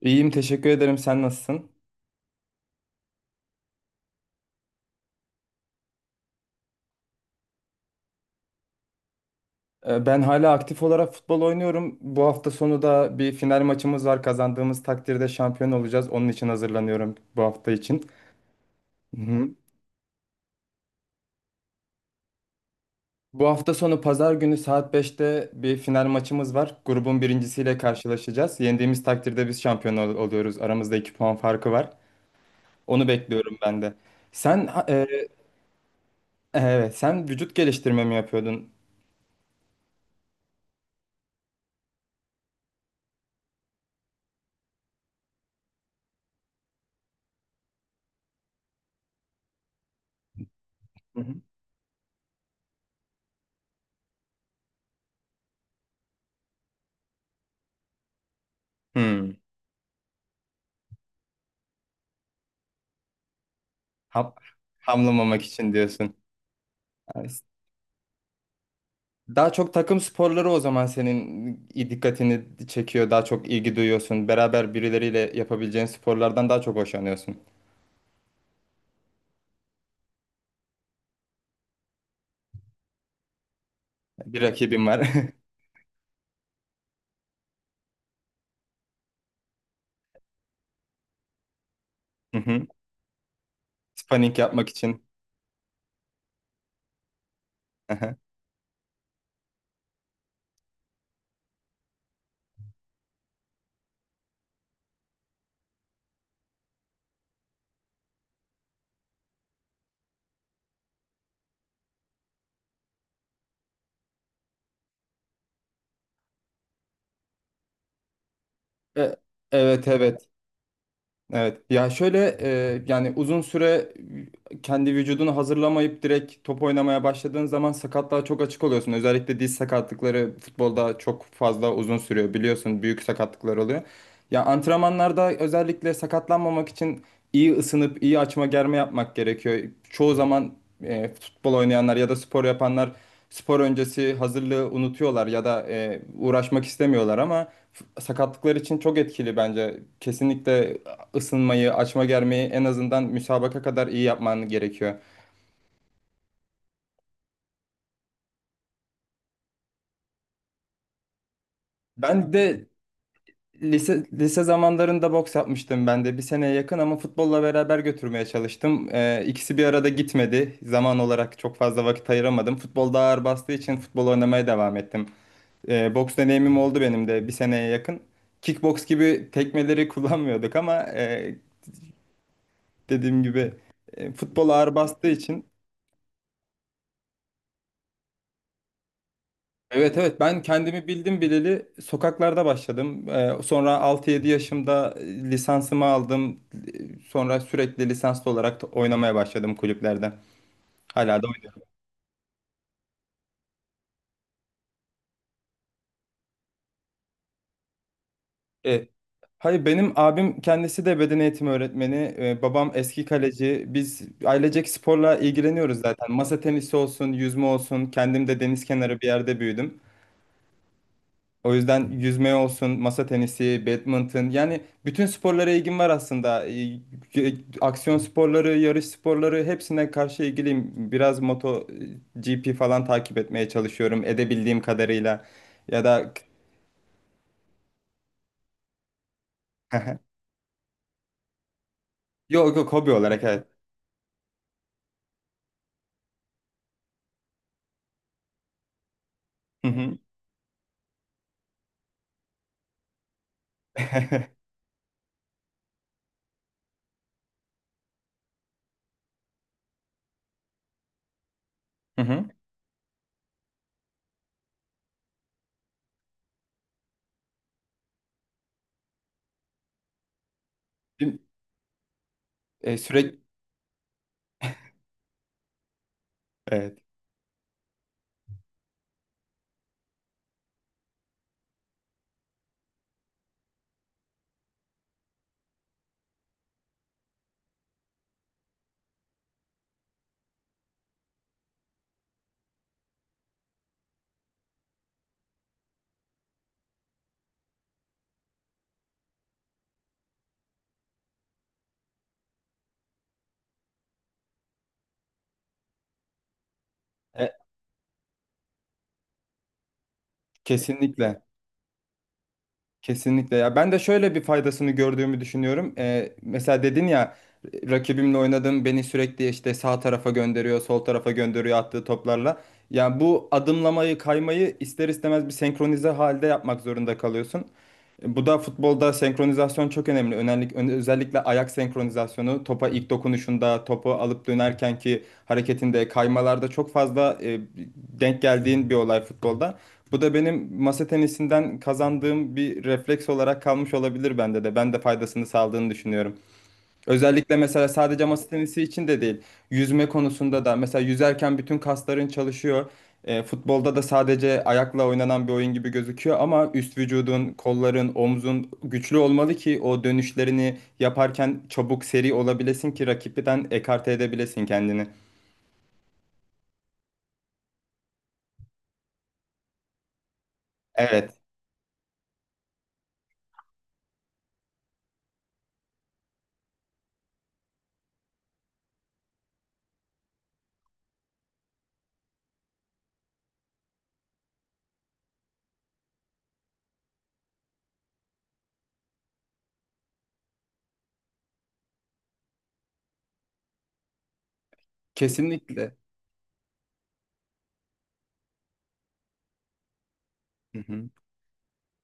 İyiyim, teşekkür ederim. Sen nasılsın? Ben hala aktif olarak futbol oynuyorum. Bu hafta sonu da bir final maçımız var. Kazandığımız takdirde şampiyon olacağız. Onun için hazırlanıyorum bu hafta için. Hı hı. Bu hafta sonu pazar günü saat 5'te bir final maçımız var. Grubun birincisiyle karşılaşacağız. Yendiğimiz takdirde biz şampiyon oluyoruz. Aramızda 2 puan farkı var. Onu bekliyorum ben de. Sen ha- e, e, evet, sen vücut geliştirme mi yapıyordun? Hı hı. Hmm. Ham- hamlamamak için diyorsun. Daha çok takım sporları o zaman senin dikkatini çekiyor, daha çok ilgi duyuyorsun. Beraber birileriyle yapabileceğin sporlardan daha çok hoşlanıyorsun. Bir rakibim var. Hı hı. Sparring yapmak için. Hı hı. E, Evet evet. Evet ya şöyle yani uzun süre kendi vücudunu hazırlamayıp direkt top oynamaya başladığın zaman sakatlığa çok açık oluyorsun. Özellikle diz sakatlıkları futbolda çok fazla uzun sürüyor, biliyorsun büyük sakatlıklar oluyor. Ya antrenmanlarda özellikle sakatlanmamak için iyi ısınıp iyi açma germe yapmak gerekiyor. Çoğu zaman futbol oynayanlar ya da spor yapanlar spor öncesi hazırlığı unutuyorlar ya da uğraşmak istemiyorlar ama sakatlıklar için çok etkili bence. Kesinlikle ısınmayı, açma germeyi en azından müsabaka kadar iyi yapman gerekiyor. Ben de lise zamanlarında boks yapmıştım ben de bir seneye yakın ama futbolla beraber götürmeye çalıştım. E, ikisi bir arada gitmedi. Zaman olarak çok fazla vakit ayıramadım. Futbol daha ağır bastığı için futbol oynamaya devam ettim. Boks deneyimim oldu benim de bir seneye yakın. Kickboks gibi tekmeleri kullanmıyorduk ama dediğim gibi futbol ağır bastığı için. Evet evet, ben kendimi bildim bileli sokaklarda başladım. Sonra 6-7 yaşımda lisansımı aldım. Sonra sürekli lisanslı olarak da oynamaya başladım kulüplerde. Hala da oynuyorum. E, hayır, benim abim kendisi de beden eğitimi öğretmeni. Babam eski kaleci. Biz ailecek sporla ilgileniyoruz zaten. Masa tenisi olsun, yüzme olsun. Kendim de deniz kenarı bir yerde büyüdüm. O yüzden yüzme olsun, masa tenisi, badminton. Yani bütün sporlara ilgim var aslında. E, aksiyon sporları, yarış sporları, hepsine karşı ilgiliyim. Biraz moto GP falan takip etmeye çalışıyorum edebildiğim kadarıyla. Ya da... Yok yok, hobi olarak evet. Hı hı. Hı hı. Değil mi? Sürekli evet. E, kesinlikle. Kesinlikle ya, ben de şöyle bir faydasını gördüğümü düşünüyorum. Mesela dedin ya, rakibimle oynadım, beni sürekli işte sağ tarafa gönderiyor, sol tarafa gönderiyor attığı toplarla. Ya bu adımlamayı, kaymayı ister istemez bir senkronize halde yapmak zorunda kalıyorsun. Bu da futbolda senkronizasyon çok önemli. Özellikle ayak senkronizasyonu, topa ilk dokunuşunda, topu alıp dönerken ki hareketinde, kaymalarda çok fazla denk geldiğin bir olay futbolda. Bu da benim masa tenisinden kazandığım bir refleks olarak kalmış olabilir bende de. Ben de faydasını sağladığını düşünüyorum. Özellikle mesela sadece masa tenisi için de değil. Yüzme konusunda da mesela yüzerken bütün kasların çalışıyor. Futbolda da sadece ayakla oynanan bir oyun gibi gözüküyor ama üst vücudun, kolların, omzun güçlü olmalı ki o dönüşlerini yaparken çabuk seri olabilesin, ki rakipten ekarte edebilesin kendini. Evet, kesinlikle. Hı hı.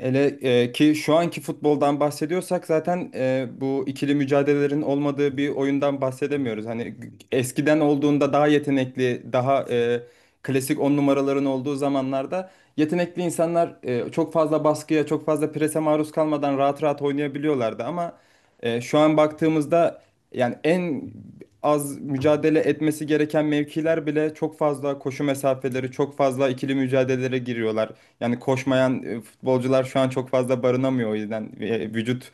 Hele ki şu anki futboldan bahsediyorsak zaten bu ikili mücadelelerin olmadığı bir oyundan bahsedemiyoruz. Hani eskiden olduğunda daha yetenekli, daha klasik 10 numaraların olduğu zamanlarda yetenekli insanlar çok fazla baskıya, çok fazla prese maruz kalmadan rahat rahat oynayabiliyorlardı. Ama şu an baktığımızda yani en az mücadele etmesi gereken mevkiler bile çok fazla koşu mesafeleri, çok fazla ikili mücadelelere giriyorlar. Yani koşmayan futbolcular şu an çok fazla barınamıyor, o yüzden e, vücut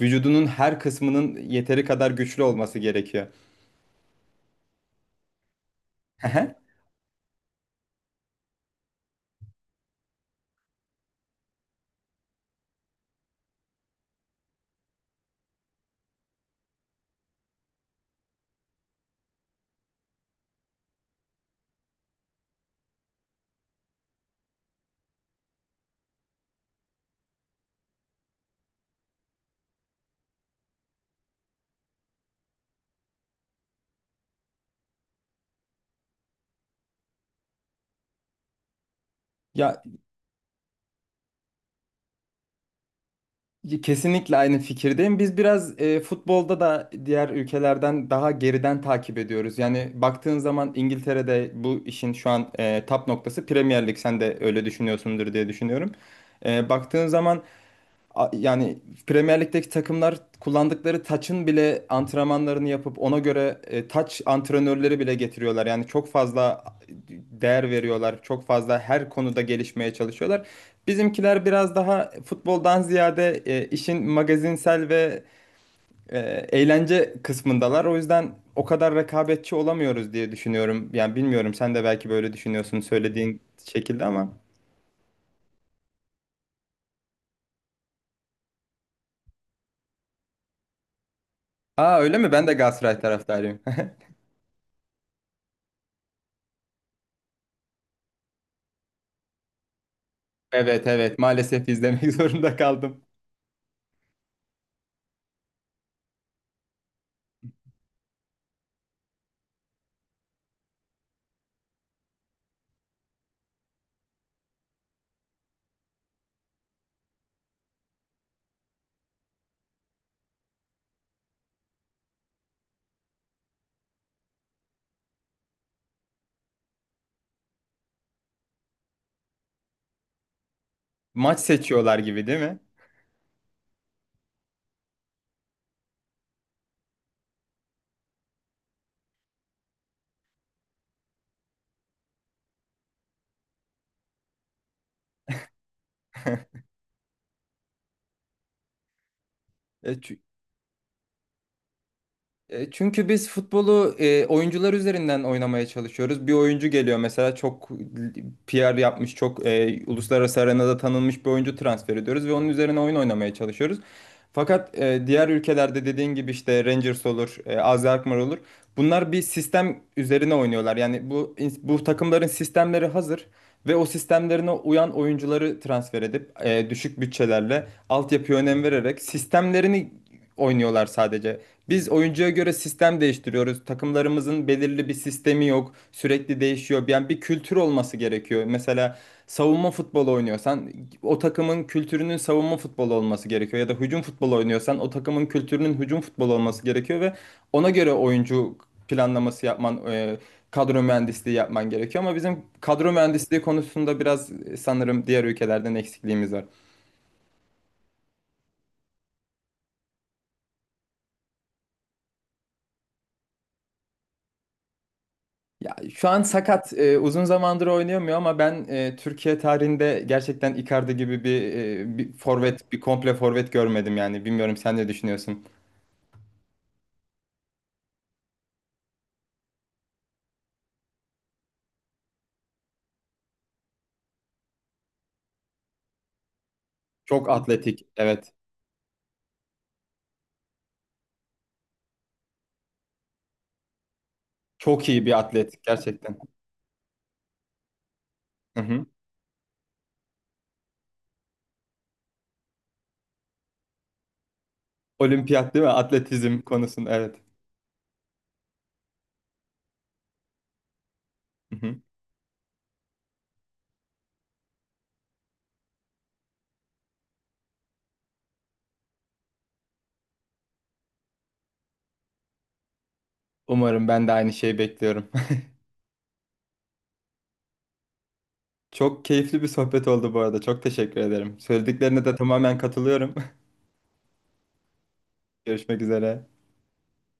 vücudunun her kısmının yeteri kadar güçlü olması gerekiyor. Ehe. Ya kesinlikle aynı fikirdeyim. Biz biraz futbolda da diğer ülkelerden daha geriden takip ediyoruz. Yani baktığın zaman İngiltere'de bu işin şu an tap noktası Premier Lig. Sen de öyle düşünüyorsundur diye düşünüyorum. Baktığın zaman, yani Premier Lig'deki takımlar kullandıkları taçın bile antrenmanlarını yapıp ona göre taç antrenörleri bile getiriyorlar. Yani çok fazla değer veriyorlar. Çok fazla her konuda gelişmeye çalışıyorlar. Bizimkiler biraz daha futboldan ziyade işin magazinsel ve e, eğlence kısmındalar. O yüzden o kadar rekabetçi olamıyoruz diye düşünüyorum. Yani bilmiyorum, sen de belki böyle düşünüyorsun söylediğin şekilde ama. Aa, öyle mi? Ben de Galatasaray taraftarıyım. Evet evet, maalesef izlemek zorunda kaldım. Maç seçiyorlar gibi değil mi? E, çü- Çünkü biz futbolu oyuncular üzerinden oynamaya çalışıyoruz. Bir oyuncu geliyor mesela, çok PR yapmış, çok uluslararası arenada tanınmış bir oyuncu transfer ediyoruz ve onun üzerine oyun oynamaya çalışıyoruz. Fakat diğer ülkelerde dediğin gibi işte Rangers olur, AZ Alkmaar olur. Bunlar bir sistem üzerine oynuyorlar. Yani bu takımların sistemleri hazır ve o sistemlerine uyan oyuncuları transfer edip düşük bütçelerle, altyapıya önem vererek sistemlerini oynuyorlar sadece. Biz oyuncuya göre sistem değiştiriyoruz. Takımlarımızın belirli bir sistemi yok. Sürekli değişiyor. Yani bir kültür olması gerekiyor. Mesela savunma futbolu oynuyorsan o takımın kültürünün savunma futbolu olması gerekiyor. Ya da hücum futbolu oynuyorsan o takımın kültürünün hücum futbolu olması gerekiyor ve ona göre oyuncu planlaması yapman, kadro mühendisliği yapman gerekiyor. Ama bizim kadro mühendisliği konusunda biraz sanırım diğer ülkelerden eksikliğimiz var. Ya şu an sakat, uzun zamandır oynayamıyor ama ben Türkiye tarihinde gerçekten Icardi gibi bir forvet, bir komple forvet görmedim yani. Bilmiyorum, sen ne düşünüyorsun? Çok atletik, evet. Çok iyi bir atlet gerçekten. Hı hı. Olimpiyat değil mi? Atletizm konusunda, evet. Hı hı. Umarım, ben de aynı şeyi bekliyorum. Çok keyifli bir sohbet oldu bu arada. Çok teşekkür ederim. Söylediklerine de tamamen katılıyorum. Görüşmek üzere.